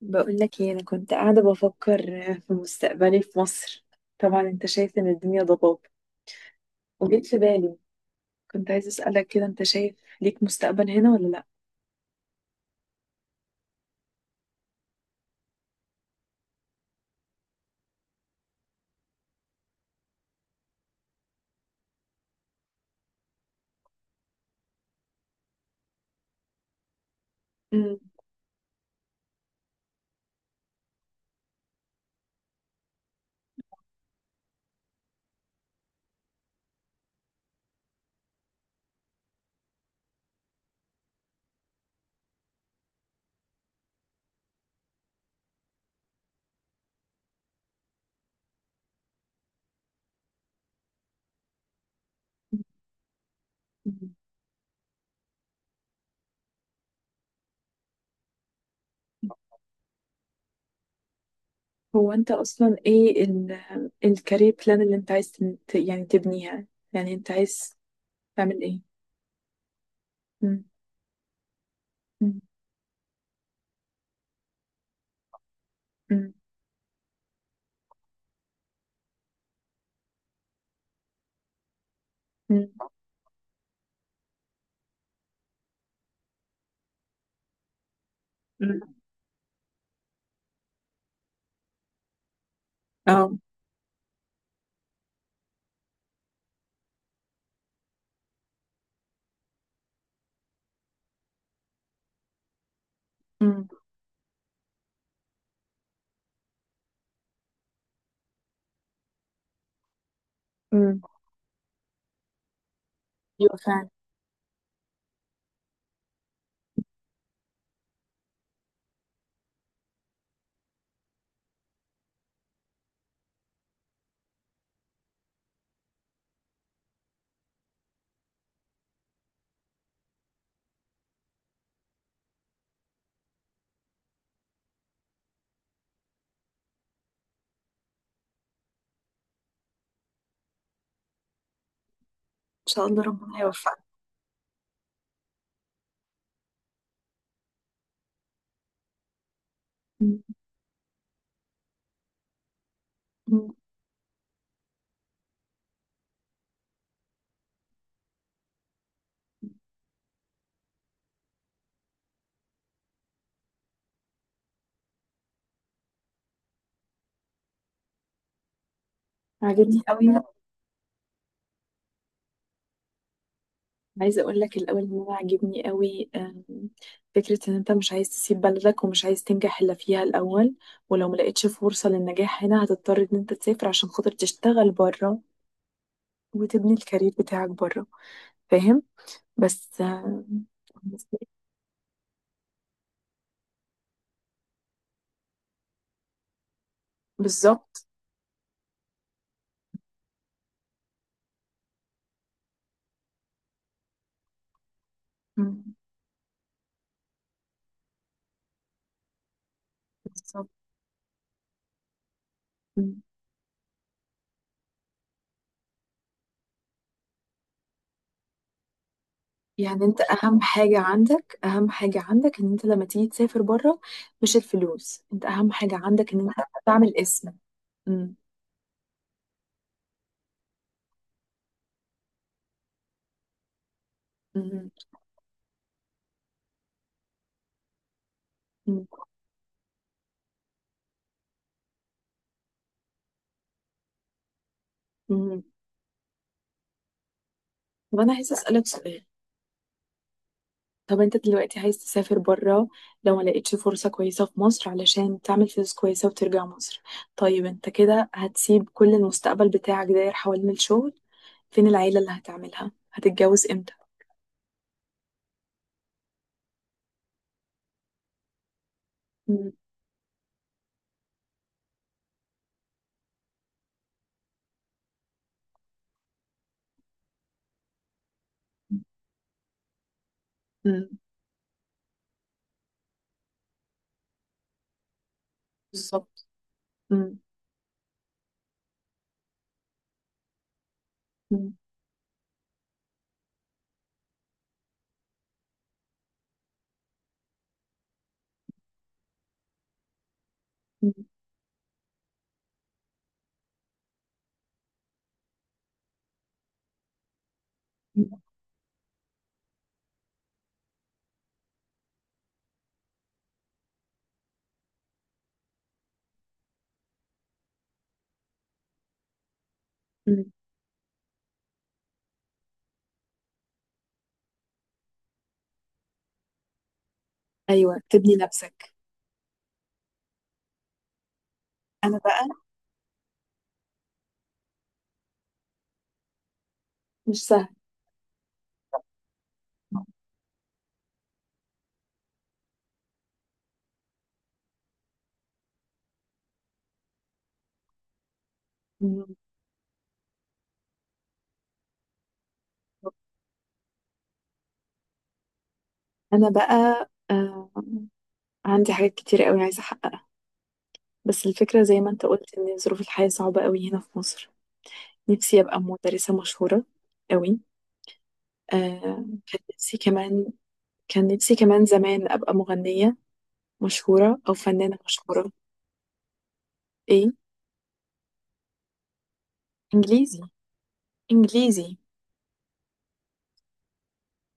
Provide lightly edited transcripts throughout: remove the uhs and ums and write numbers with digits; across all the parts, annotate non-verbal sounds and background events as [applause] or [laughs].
بقول لك ايه، انا كنت قاعده بفكر في مستقبلي في مصر. طبعا انت شايف ان الدنيا ضباب، وجيت في بالي. كنت عايزه اسالك كده: انت شايف ليك مستقبل هنا ولا لا؟ مم. مم. هو انت اصلا ايه الكارير بلان اللي انت عايز يعني تبنيها؟ يعني انت عايز تعمل ايه؟ مم. مم. مم. مم. اه. أمم. امم ايوه فعلا. ان شاء الله ربنا يوفقنا. أمم. أمم. عاجبني قوي. عايزه اقول لك الاول ان انا عاجبني قوي فكره ان انت مش عايز تسيب بلدك ومش عايز تنجح الا فيها الاول، ولو ما لقيتش فرصه للنجاح هنا هتضطر ان انت تسافر عشان خاطر تشتغل بره وتبني الكارير بتاعك بره. فاهم؟ بس بالظبط. أمم، بالظبط. يعني انت اهم حاجة عندك، اهم حاجة عندك ان انت لما تيجي تسافر بره مش الفلوس، انت اهم حاجة عندك ان انت تعمل اسم. مم. مم. مم. مم. طب انا عايزة اسألك سؤال. طب انت دلوقتي عايز تسافر بره لو ما لقيتش فرصة كويسة في مصر، علشان تعمل فلوس كويسة وترجع مصر. طيب انت كده هتسيب كل المستقبل بتاعك داير حوالين الشغل؟ فين العيلة اللي هتعملها؟ هتتجوز امتى؟ مم. مم. بالظبط. مم. مم. مم. مم. ايوه، تبني نفسك. انا بقى مش سهل. مم. انا بقى آه، عندي حاجات كتير قوي عايزه احققها، بس الفكره زي ما انت قلت ان ظروف الحياه صعبه قوي هنا في مصر. نفسي ابقى مدرسه مشهوره قوي. آه، كان نفسي كمان، كان نفسي كمان زمان ابقى مغنيه مشهوره او فنانه مشهوره. ايه؟ انجليزي. انجليزي.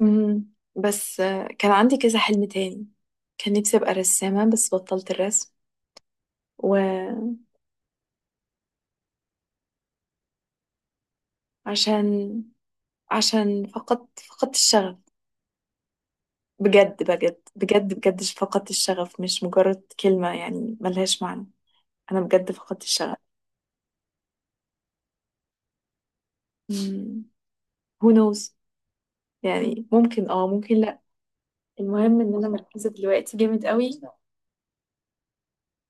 مم. بس آه، كان عندي كذا حلم تاني. كان نفسي ابقى رسامه بس بطلت الرسم. وعشان فقدت الشغف. بجد، بجد، بجد، بجد فقدت الشغف، مش مجرد كلمة يعني ملهاش معنى. أنا بجد فقدت الشغف. مم. who knows؟ يعني ممكن اه، ممكن لأ. المهم إن أنا مركزة دلوقتي جامد قوي.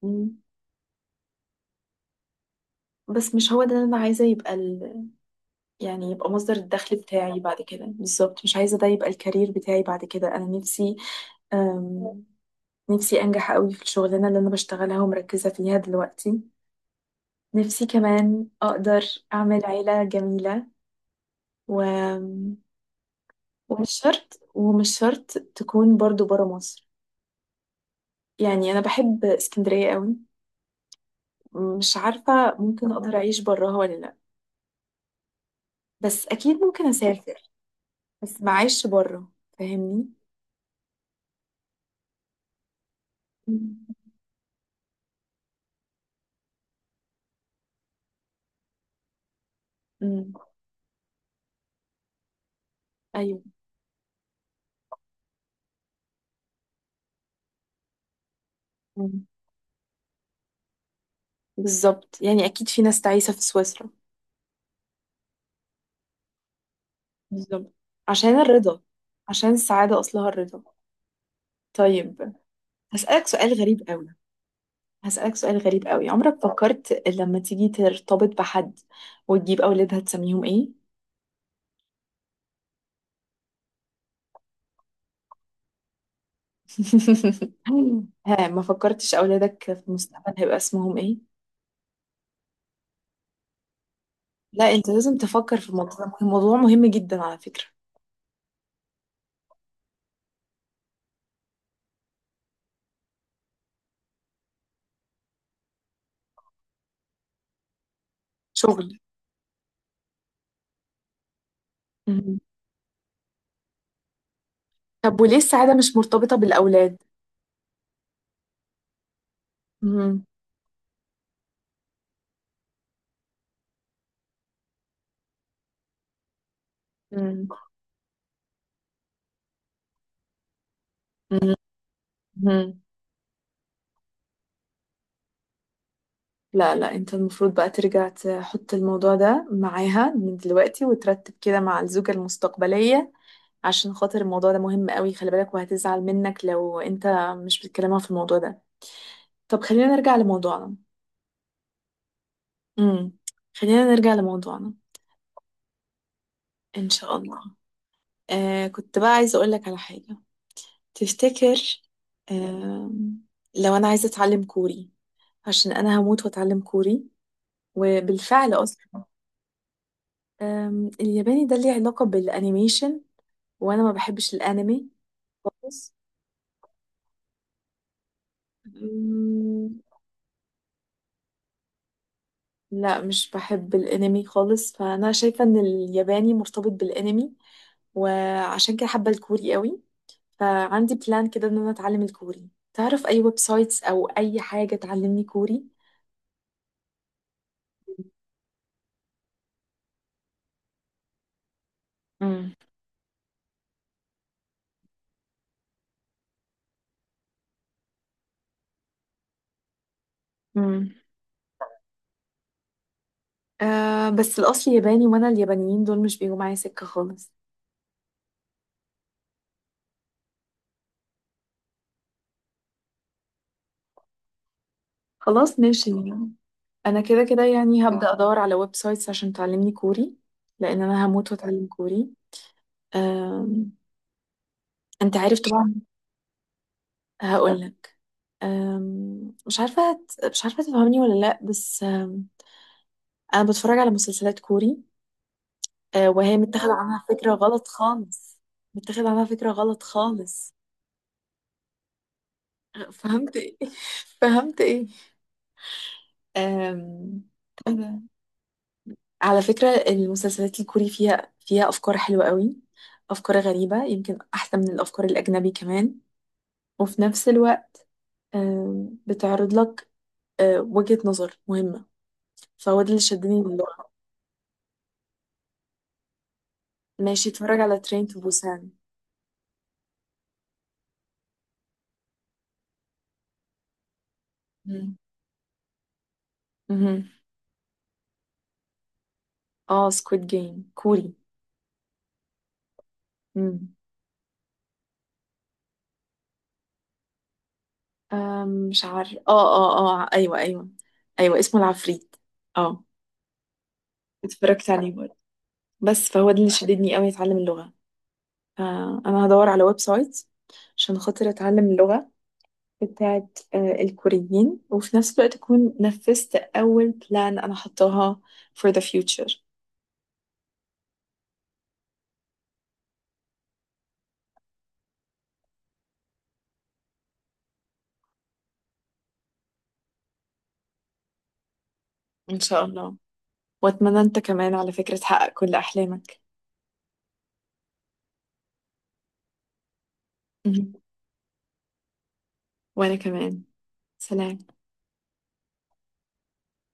مم. بس مش هو ده اللي أنا عايزة يبقى يعني يبقى مصدر الدخل بتاعي بعد كده. بالظبط مش عايزة ده يبقى الكارير بتاعي بعد كده. أنا نفسي أم... نفسي أنجح قوي في الشغلانة اللي أنا بشتغلها ومركزة فيها دلوقتي. نفسي كمان أقدر أعمل عيلة جميلة و... ومش شرط تكون برضو برا مصر. يعني أنا بحب اسكندرية قوي. مش عارفة ممكن أقدر أعيش براها ولا لأ، بس أكيد ممكن أسافر. بس ما أعيش برا. فاهمني؟ مم. مم. أيوه. مم. بالظبط، يعني أكيد في ناس تعيسة في سويسرا. بالظبط. عشان الرضا. عشان السعادة أصلها الرضا. طيب، هسألك سؤال غريب قوي. هسألك سؤال غريب قوي: عمرك فكرت لما تيجي ترتبط بحد وتجيب أولادها تسميهم إيه؟ [laughs] ها، ما فكرتش أولادك في المستقبل هيبقى اسمهم إيه؟ لا، أنت لازم تفكر في الموضوع ده، الموضوع مهم جدا على فكرة. شغل. مهم. طب وليه السعادة مش مرتبطة بالأولاد؟ مهم. مهم. مهم. لا لا، أنت المفروض بقى ترجع تحط الموضوع ده معاها من دلوقتي وترتب كده مع الزوجة المستقبلية، عشان خاطر الموضوع ده مهم قوي. خلي بالك، وهتزعل منك لو انت مش بتكلمها في الموضوع ده. طب خلينا نرجع لموضوعنا. امم خلينا نرجع لموضوعنا. ان شاء الله. آه، كنت بقى عايزه اقول لك على حاجه. تفتكر آه، لو انا عايزه اتعلم كوري؟ عشان انا هموت واتعلم كوري. وبالفعل اصلا الياباني ده ليه علاقه بالانيميشن، وانا ما بحبش الانمي خالص. لا، مش بحب الانمي خالص، فانا شايفه ان الياباني مرتبط بالانمي، وعشان كده حابه الكوري قوي. فعندي بلان كده ان انا اتعلم الكوري. تعرف اي ويب سايتس او اي حاجه تعلمني كوري؟ امم امم آه، بس الاصل ياباني، وانا اليابانيين دول مش بيجوا معايا سكه خالص. خلاص ماشي يعني. انا كده كده يعني هبدا ادور على ويب سايتس عشان تعلمني كوري، لان انا هموت واتعلم كوري. آه، انت عارف طبعا. هقول لك. مش عارفة مش عارفة تفهمني ولا لأ، بس أنا بتفرج على مسلسلات كوري. أه، وهي متاخد اه عنها فكرة غلط خالص. متاخد عنها فكرة غلط خالص. فهمت إيه؟ [laughs] فهمت إيه؟ أم، أنا على فكرة المسلسلات الكوري فيها أفكار حلوة قوي. أفكار غريبة يمكن أحسن من الأفكار الأجنبي كمان. وفي نفس الوقت بتعرض لك أه، وجهة نظر مهمة. فهو ده اللي شدني لله. ماشي، اتفرج على ترين تو بوسان. مم. مهم. اه، سكويد جيم كوري. مم. مش عارف ايوه ايوه. ايوه اسمه العفريت. اه، اتفرجت عليه برضه، بس فهو ده اللي شددني قوي اتعلم اللغة. فانا هدور على ويب سايت عشان خاطر اتعلم اللغة بتاعت آه، الكوريين، وفي نفس الوقت اكون نفذت اول بلان انا حطاها for the future. ان شاء الله. واتمنى انت كمان على فكرة تحقق كل احلامك. مهم. وانا كمان. سلام.